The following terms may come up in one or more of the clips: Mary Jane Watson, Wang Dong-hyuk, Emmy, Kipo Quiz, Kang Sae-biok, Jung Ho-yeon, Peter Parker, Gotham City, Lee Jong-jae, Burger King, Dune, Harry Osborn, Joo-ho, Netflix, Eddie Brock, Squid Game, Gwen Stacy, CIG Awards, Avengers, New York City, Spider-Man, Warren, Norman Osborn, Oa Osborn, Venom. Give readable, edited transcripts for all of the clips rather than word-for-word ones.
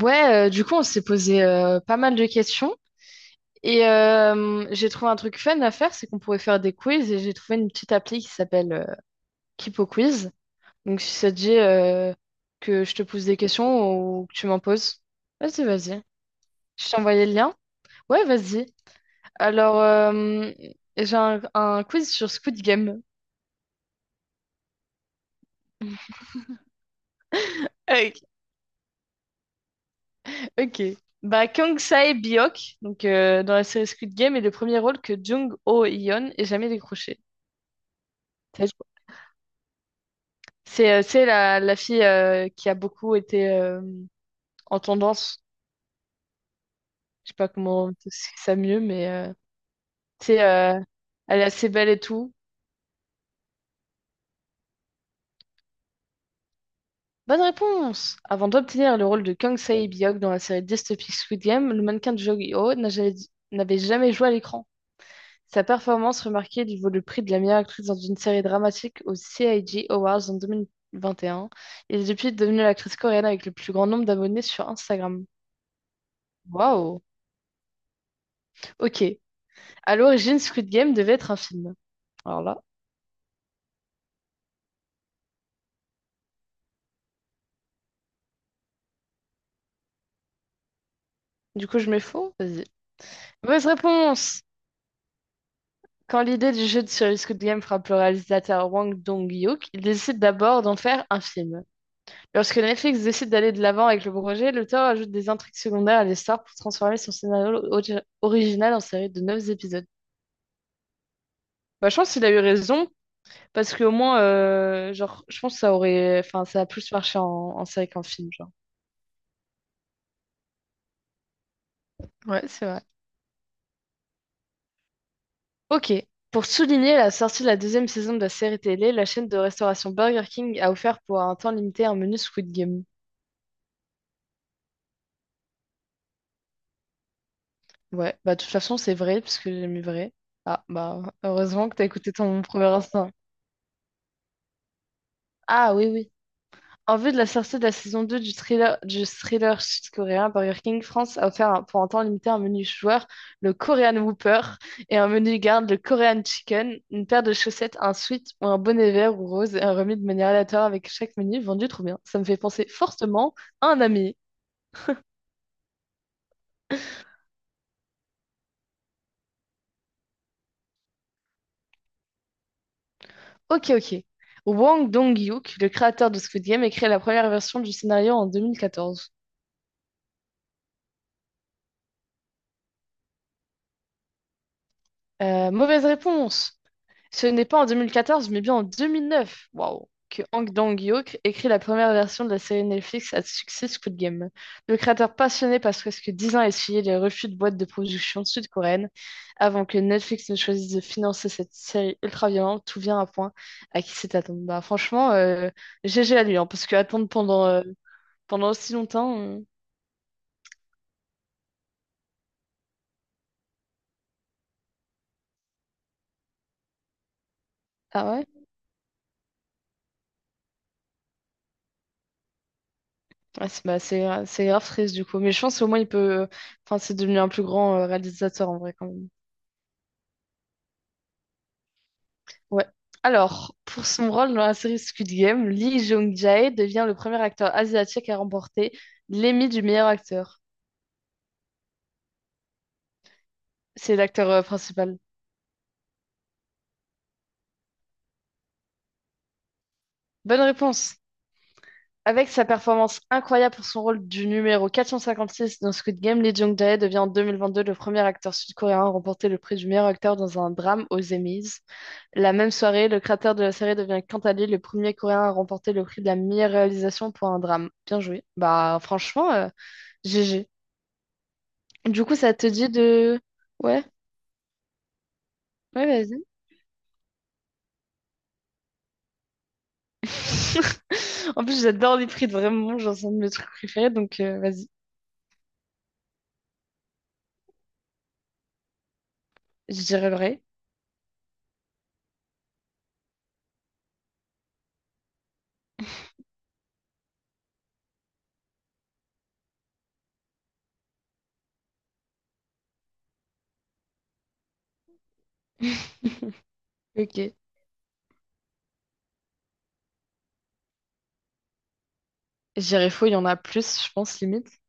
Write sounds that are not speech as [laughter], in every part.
Ouais, du coup, on s'est posé pas mal de questions. Et j'ai trouvé un truc fun à faire, c'est qu'on pourrait faire des quiz. Et j'ai trouvé une petite appli qui s'appelle Kipo Quiz. Donc, si ça te dit que je te pose des questions ou que tu m'en poses, vas-y. Je t'ai envoyé le lien. Ouais, vas-y. Alors, j'ai un quiz sur Squid Game. Ok. Ok. Bah, Kang Sae-biok, donc dans la série Squid Game, est le premier rôle que Jung Ho-yeon ait jamais décroché. C'est la fille qui a beaucoup été en tendance. Je sais pas comment c'est ça mieux, mais c'est, euh, elle est assez belle et tout. Bonne réponse! Avant d'obtenir le rôle de Kang Sae-biok dans la série dystopique Squid Game, le mannequin de Joo-ho n'avait jamais joué à l'écran. Sa performance remarquée lui vaut le prix de la meilleure actrice dans une série dramatique aux CIG Awards en 2021. Elle est depuis devenue l'actrice coréenne avec le plus grand nombre d'abonnés sur Instagram. Waouh! Ok. À l'origine, Squid Game devait être un film. Alors là, du coup, je mets faux. Vas-y. Mauvaise réponse! Quand l'idée du jeu de série Squid Game frappe le réalisateur Wang Dong-hyuk, il décide d'abord d'en faire un film. Lorsque Netflix décide d'aller de l'avant avec le projet, l'auteur ajoute des intrigues secondaires à l'histoire pour transformer son original en série de 9 épisodes. Bah, je pense qu'il a eu raison, parce qu'au moins, genre, je pense que ça aurait, enfin, ça a plus marché en série qu'en film, genre. Ouais, c'est vrai. Ok. Pour souligner la sortie de la deuxième saison de la série télé, la chaîne de restauration Burger King a offert pour un temps limité un menu Squid Game. Ouais, bah de toute façon c'est vrai, parce que j'ai mis vrai. Ah bah heureusement que t'as écouté ton premier instinct. Ah oui, oui. En vue de la sortie de la saison 2 du thriller sud-coréen, Burger King France a pour un temps limité un menu joueur, le Korean Whopper, et un menu garde, le Korean Chicken, une paire de chaussettes, un sweat ou un bonnet vert ou rose, et un remis de manière aléatoire avec chaque menu vendu trop bien. Ça me fait penser fortement à un ami. Ok, ok. Wang Dong-hyuk, le créateur de Squid Game, a créé la première version du scénario en 2014. Mauvaise réponse. Ce n'est pas en 2014, mais bien en 2009, waouh, que Hang Dong-hyuk écrit la première version de la série Netflix à succès Squid Game. Le créateur passionné passe presque 10 ans à essuyer les refus de boîtes de production sud-coréennes avant que Netflix ne choisisse de financer cette série ultra-violente. Tout vient à point à qui c'est attendu. Bah, franchement, GG à lui, hein, parce que attendre pendant aussi longtemps. Ah ouais? Ouais, c'est grave triste du coup. Mais je pense au moins il peut. euh, Enfin, c'est devenu un plus grand réalisateur en vrai quand même. Ouais. Alors, pour son rôle dans la série Squid Game, Lee Jong-jae devient le premier acteur asiatique à remporter l'Emmy du meilleur acteur. C'est l'acteur principal. Bonne réponse. Avec sa performance incroyable pour son rôle du numéro 456 dans Squid Game, Lee Jong-jae devient en 2022 le premier acteur sud-coréen à remporter le prix du meilleur acteur dans un drame aux Emmys. La même soirée, le créateur de la série devient quant à lui le premier coréen à remporter le prix de la meilleure réalisation pour un drame. Bien joué. Bah franchement, GG. Du coup, ça te dit de... Ouais, ouais, vas-y. [laughs] En plus, j'adore les frites, vraiment, genre, c'est un de mes trucs préférés, donc vas-y, je dirais vrai. [laughs] Ok. Je dirais faux, il y en a plus, je pense, limite.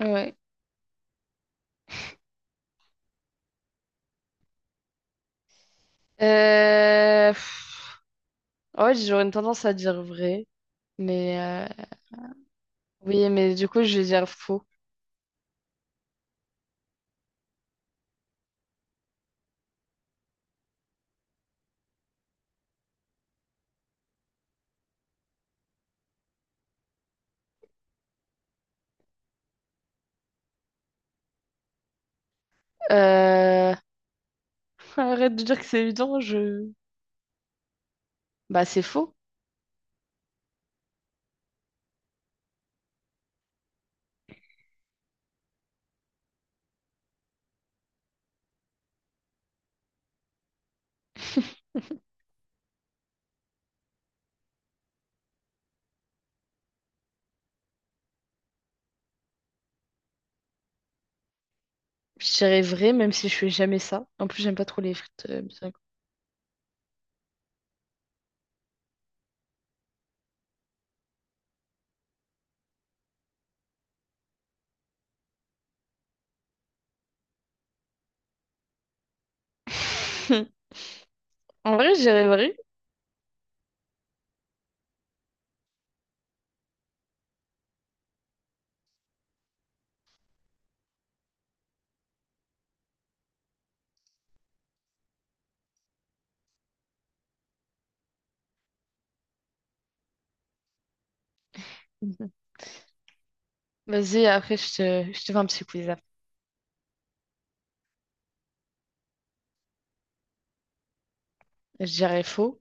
Ouais. Euh... pff, Ouais, j'aurais une tendance à dire vrai, mais... Oui, mais du coup, je vais dire faux. Euh... Arrête de dire que c'est évident, je... Bah, c'est faux. Je dirais vrai, même si je fais jamais ça. En plus, j'aime pas trop les frites, bien. [laughs] En vrai, je dirais vrai. Vas-y, après, je te fais un petit quiz. Après. Je dirais faux.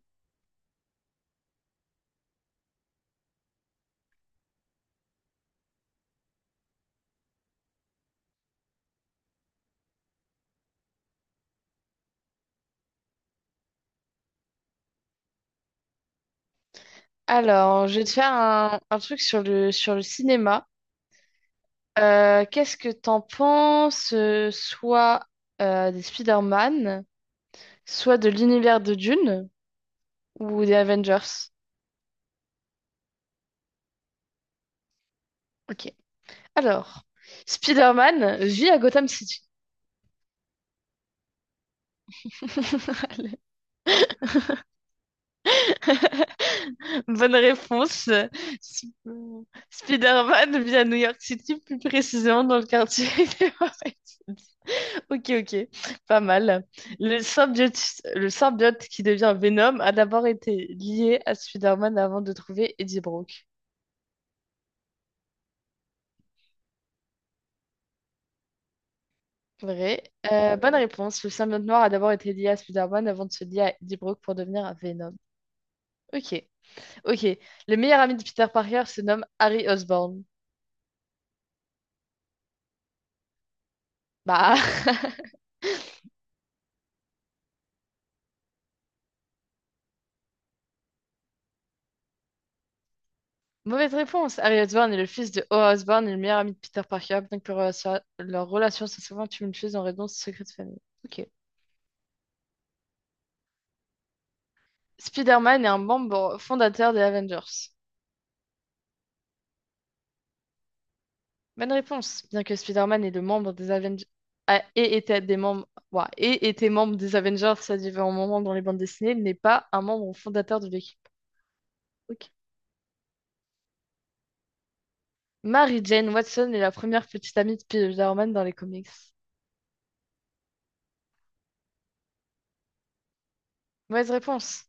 Alors, je vais te faire un truc sur le cinéma. Qu'est-ce que t'en penses, soit des Spider-Man, soit de l'univers de Dune ou des Avengers? Ok. Alors, Spider-Man vit à Gotham City. [laughs] Allez. Bonne réponse. Spider-Man vit à New York City, plus précisément dans le quartier [laughs] des Warren. Ok, ok, pas mal. Le symbiote, le symbiote qui devient Venom a d'abord été lié à Spider-Man avant de trouver Eddie Brock. Vrai. Bonne réponse. Le symbiote noir a d'abord été lié à Spider-Man avant de se lier à Eddie Brock pour devenir un Venom. Ok, ok. Le meilleur ami de Peter Parker se nomme Harry Osborn. Bah, [laughs] mauvaise réponse. Harry Osborn est le fils de Oa Osborn et le meilleur ami de Peter Parker, bien que leur relation soit souvent tumultueuse en raison de ce secret de famille. Ok. Spider-Man est un membre fondateur des Avengers. Bonne réponse, bien que Spider-Man est le membre des Avengers et était des membres ouah, ait été membre des Avengers à différents moments dans les bandes dessinées, il n'est pas un membre fondateur de l'équipe. Ok. Mary Jane Watson est la première petite amie de Spider-Man dans les comics. Mauvaise réponse.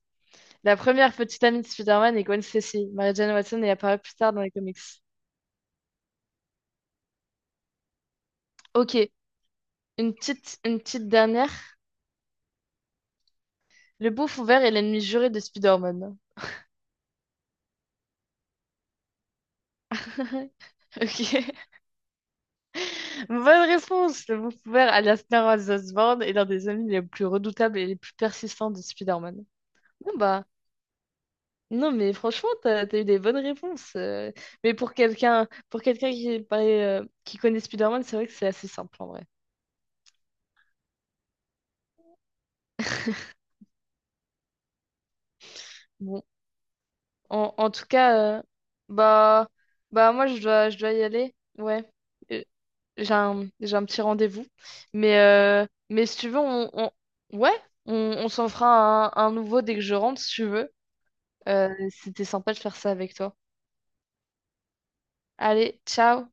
La première petite amie de Spider-Man est Gwen Stacy. Mary Jane Watson est apparue plus tard dans les comics. Ok, une petite dernière. Le bouffon vert est l'ennemi juré de Spider-Man. [laughs] Ok. Bonne réponse! Le découvert alias Norman Osborn est l'un des amis les plus redoutables et les plus persistants de Spider-Man. Non bah, non mais franchement, t'as eu des bonnes réponses. Mais pour quelqu'un qui est pas, qui connaît Spider-Man, c'est vrai que c'est assez simple en vrai. Bon, en tout cas, bah, bah moi je dois y aller. Ouais, Euh, j'ai un petit rendez-vous. Mais mais si tu veux, ouais, on s'en fera un nouveau dès que je rentre, si tu veux. C'était sympa de faire ça avec toi. Allez, ciao!